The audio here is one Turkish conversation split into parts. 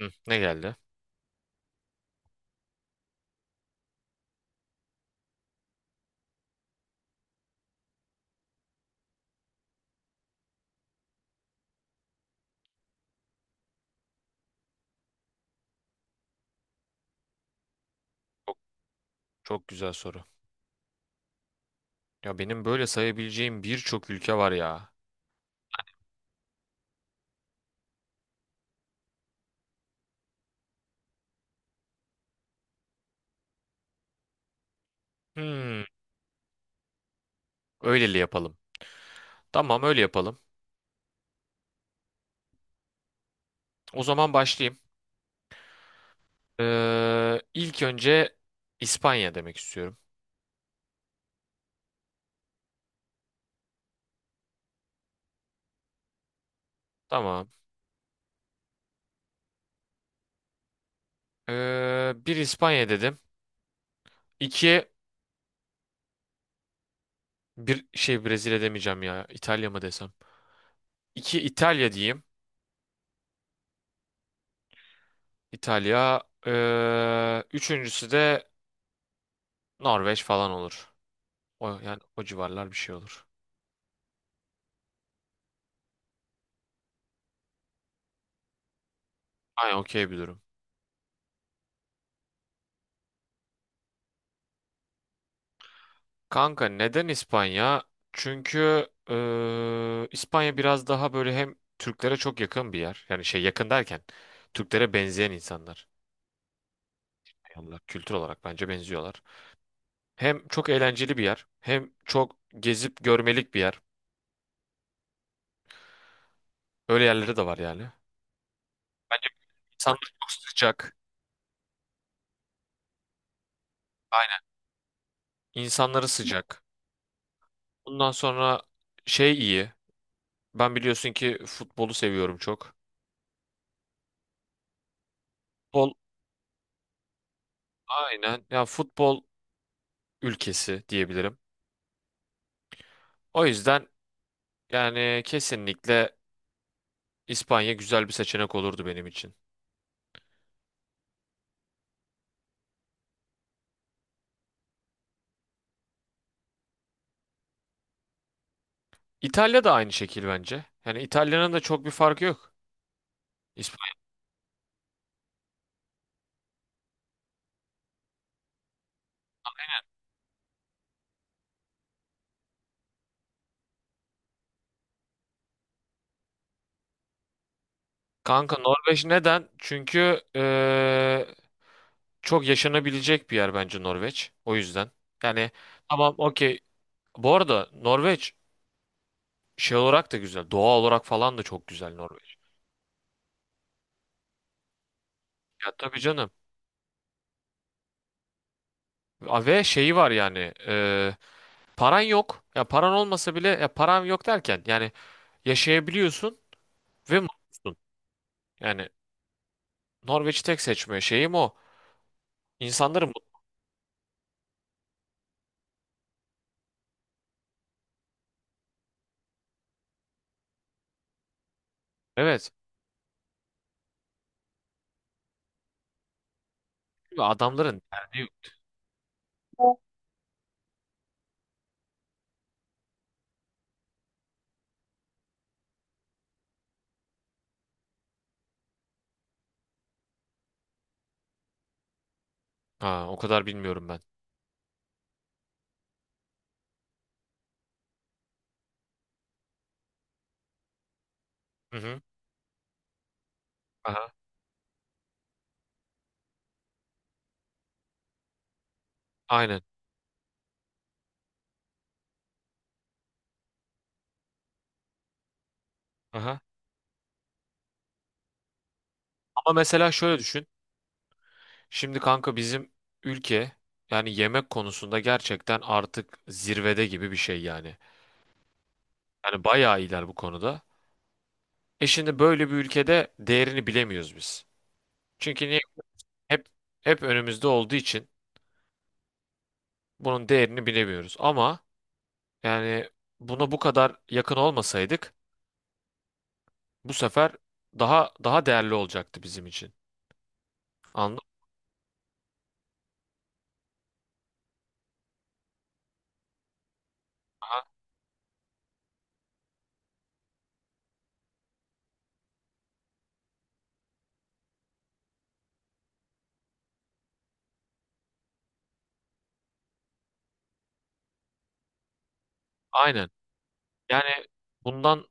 Hı, ne geldi? Çok, çok güzel soru. Ya benim böyle sayabileceğim birçok ülke var ya. Hmm, öyleli yapalım. Tamam, öyle yapalım. O zaman başlayayım. İlk önce İspanya demek istiyorum. Tamam. Bir, İspanya dedim. İki, bir şey Brezilya demeyeceğim ya. İtalya mı desem? İki, İtalya diyeyim. İtalya. Üçüncüsü de Norveç falan olur. O, yani o civarlar bir şey olur. Aynen, okey bir durum. Kanka neden İspanya? Çünkü İspanya biraz daha böyle hem Türklere çok yakın bir yer. Yani şey, yakın derken Türklere benzeyen insanlar. Yanlar, kültür olarak bence benziyorlar. Hem çok eğlenceli bir yer, hem çok gezip görmelik bir yer. Öyle yerleri de var yani. Bence insanlar çok sıcak. Aynen. İnsanları sıcak. Bundan sonra şey iyi. Ben biliyorsun ki futbolu seviyorum çok. Futbol, aynen. Ya futbol ülkesi diyebilirim. O yüzden yani kesinlikle İspanya güzel bir seçenek olurdu benim için. İtalya da aynı şekil bence. Yani İtalya'nın da çok bir farkı yok. İspanya. Kanka Norveç neden? Çünkü çok yaşanabilecek bir yer bence Norveç. O yüzden. Yani tamam, okey. Bu arada Norveç şey olarak da güzel. Doğa olarak falan da çok güzel Norveç. Ya tabii canım. A- ve şeyi var yani. Paran yok. Ya paran olmasa bile, ya paran yok derken yani yaşayabiliyorsun ve mutlusun. Yani Norveç'i tek seçmiyor. Şeyim o. İnsanların mutlu. Evet. Adamların derdi yok. Ha, o kadar bilmiyorum ben. Hı hı. Aha. Aynen. Aha. Ama mesela şöyle düşün. Şimdi kanka bizim ülke, yani yemek konusunda gerçekten artık zirvede gibi bir şey yani. Yani bayağı iyiler bu konuda. E şimdi böyle bir ülkede değerini bilemiyoruz biz. Çünkü niye? Hep hep önümüzde olduğu için bunun değerini bilemiyoruz. Ama yani buna bu kadar yakın olmasaydık, bu sefer daha değerli olacaktı bizim için. Anladın mı? Ha, aynen. Yani bundan,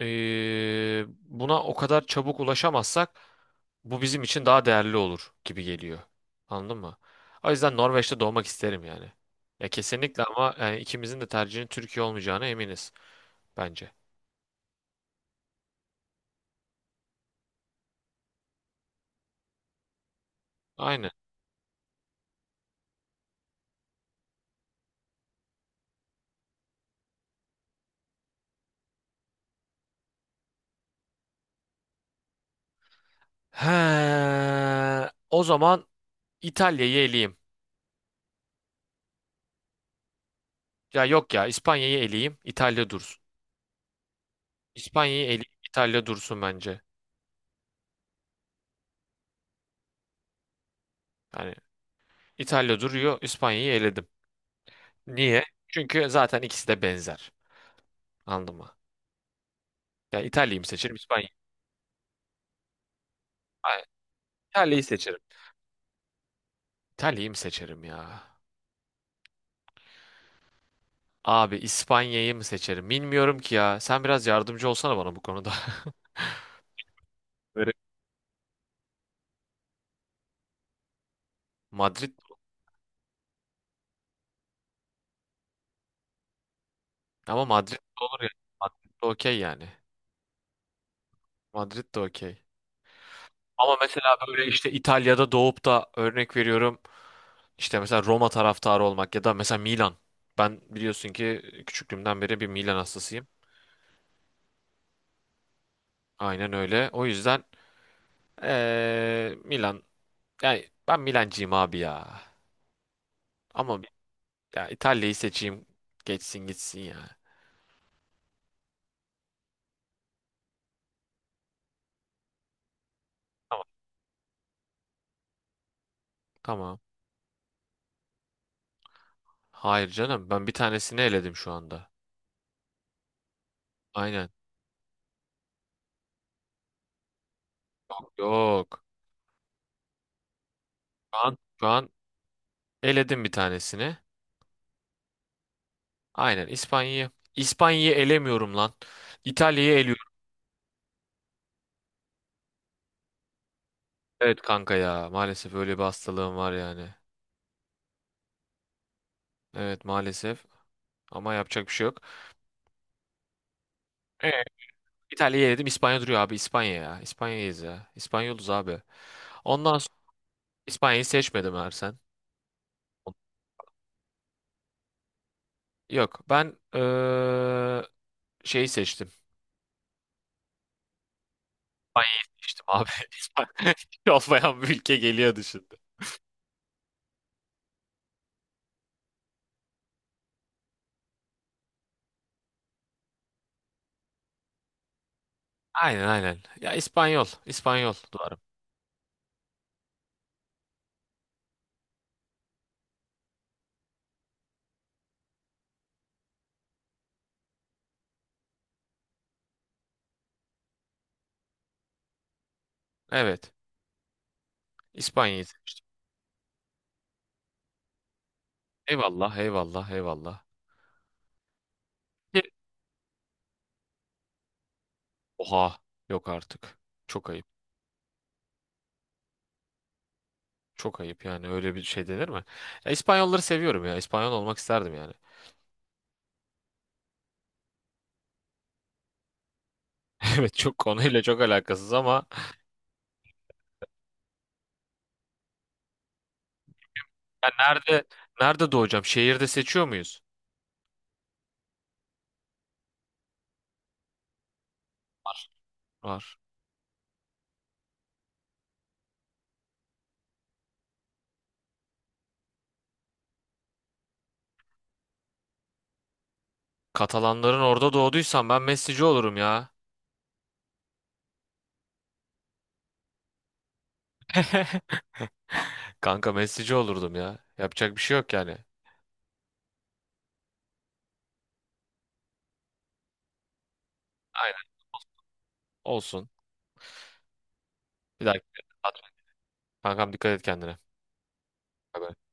buna o kadar çabuk ulaşamazsak bu bizim için daha değerli olur gibi geliyor. Anladın mı? O yüzden Norveç'te doğmak isterim yani. Ya kesinlikle, ama yani ikimizin de tercihinin Türkiye olmayacağına eminiz bence. Aynen. He, o zaman İtalya'yı eleyeyim. Ya yok, ya İspanya'yı eleyeyim, İtalya dursun. İspanya'yı eleyeyim, İtalya dursun bence. Yani İtalya duruyor. İspanya'yı eledim. Niye? Çünkü zaten ikisi de benzer. Anladın mı? Ya İtalya'yı mı seçerim, İspanya'yı mı? Hayır, İtalya'yı seçerim. İtalya'yı mı seçerim ya? Abi İspanya'yı mı seçerim? Bilmiyorum ki ya. Sen biraz yardımcı olsana bana bu konuda. Böyle Madrid, ama Madrid de olur ya. Madrid de okey yani. Madrid de okey. Ama mesela böyle işte İtalya'da doğup da örnek veriyorum. İşte mesela Roma taraftarı olmak ya da mesela Milan. Ben biliyorsun ki küçüklüğümden beri bir Milan hastasıyım. Aynen öyle. O yüzden Milan. Yani ben Milancıyım abi ya. Ama bi- ya İtalya'yı seçeyim. Geçsin gitsin ya. Tamam. Tamam. Hayır canım. Ben bir tanesini eledim şu anda. Aynen. Yok. Şu an eledim bir tanesini. Aynen. İspanya'yı. İspanya'yı elemiyorum lan. İtalya'yı eliyorum. Evet kanka ya. Maalesef öyle bir hastalığım var yani. Evet maalesef. Ama yapacak bir şey yok. Ee? İtalya'yı yedim. İspanya duruyor abi. İspanya ya. İspanya'yız ya. İspanyoluz abi. Ondan sonra İspanya'yı seçmedim Ersen. Yok. Ben şeyi seçtim. İspanya'yı seçtim abi. İspanya hiç olmayan bir ülke geliyordu şimdi. Aynen, aynen. Ya İspanyol. İspanyol duvarım. Evet. İspanya'yı seçtim. Eyvallah, eyvallah, eyvallah. Bir- oha. Yok artık. Çok ayıp. Çok ayıp, yani öyle bir şey denir mi? Ya İspanyolları seviyorum ya. İspanyol olmak isterdim yani. Evet, çok konuyla çok alakasız ama ya nerede, nerede doğacağım? Şehirde seçiyor muyuz? Var. Katalanların orada doğduysam ben Messi'ci olurum ya. Kanka Messi'ci olurdum ya. Yapacak bir şey yok yani. Aynen. Olsun. Bir dakika. Kankam, dikkat et kendine. Bye bye.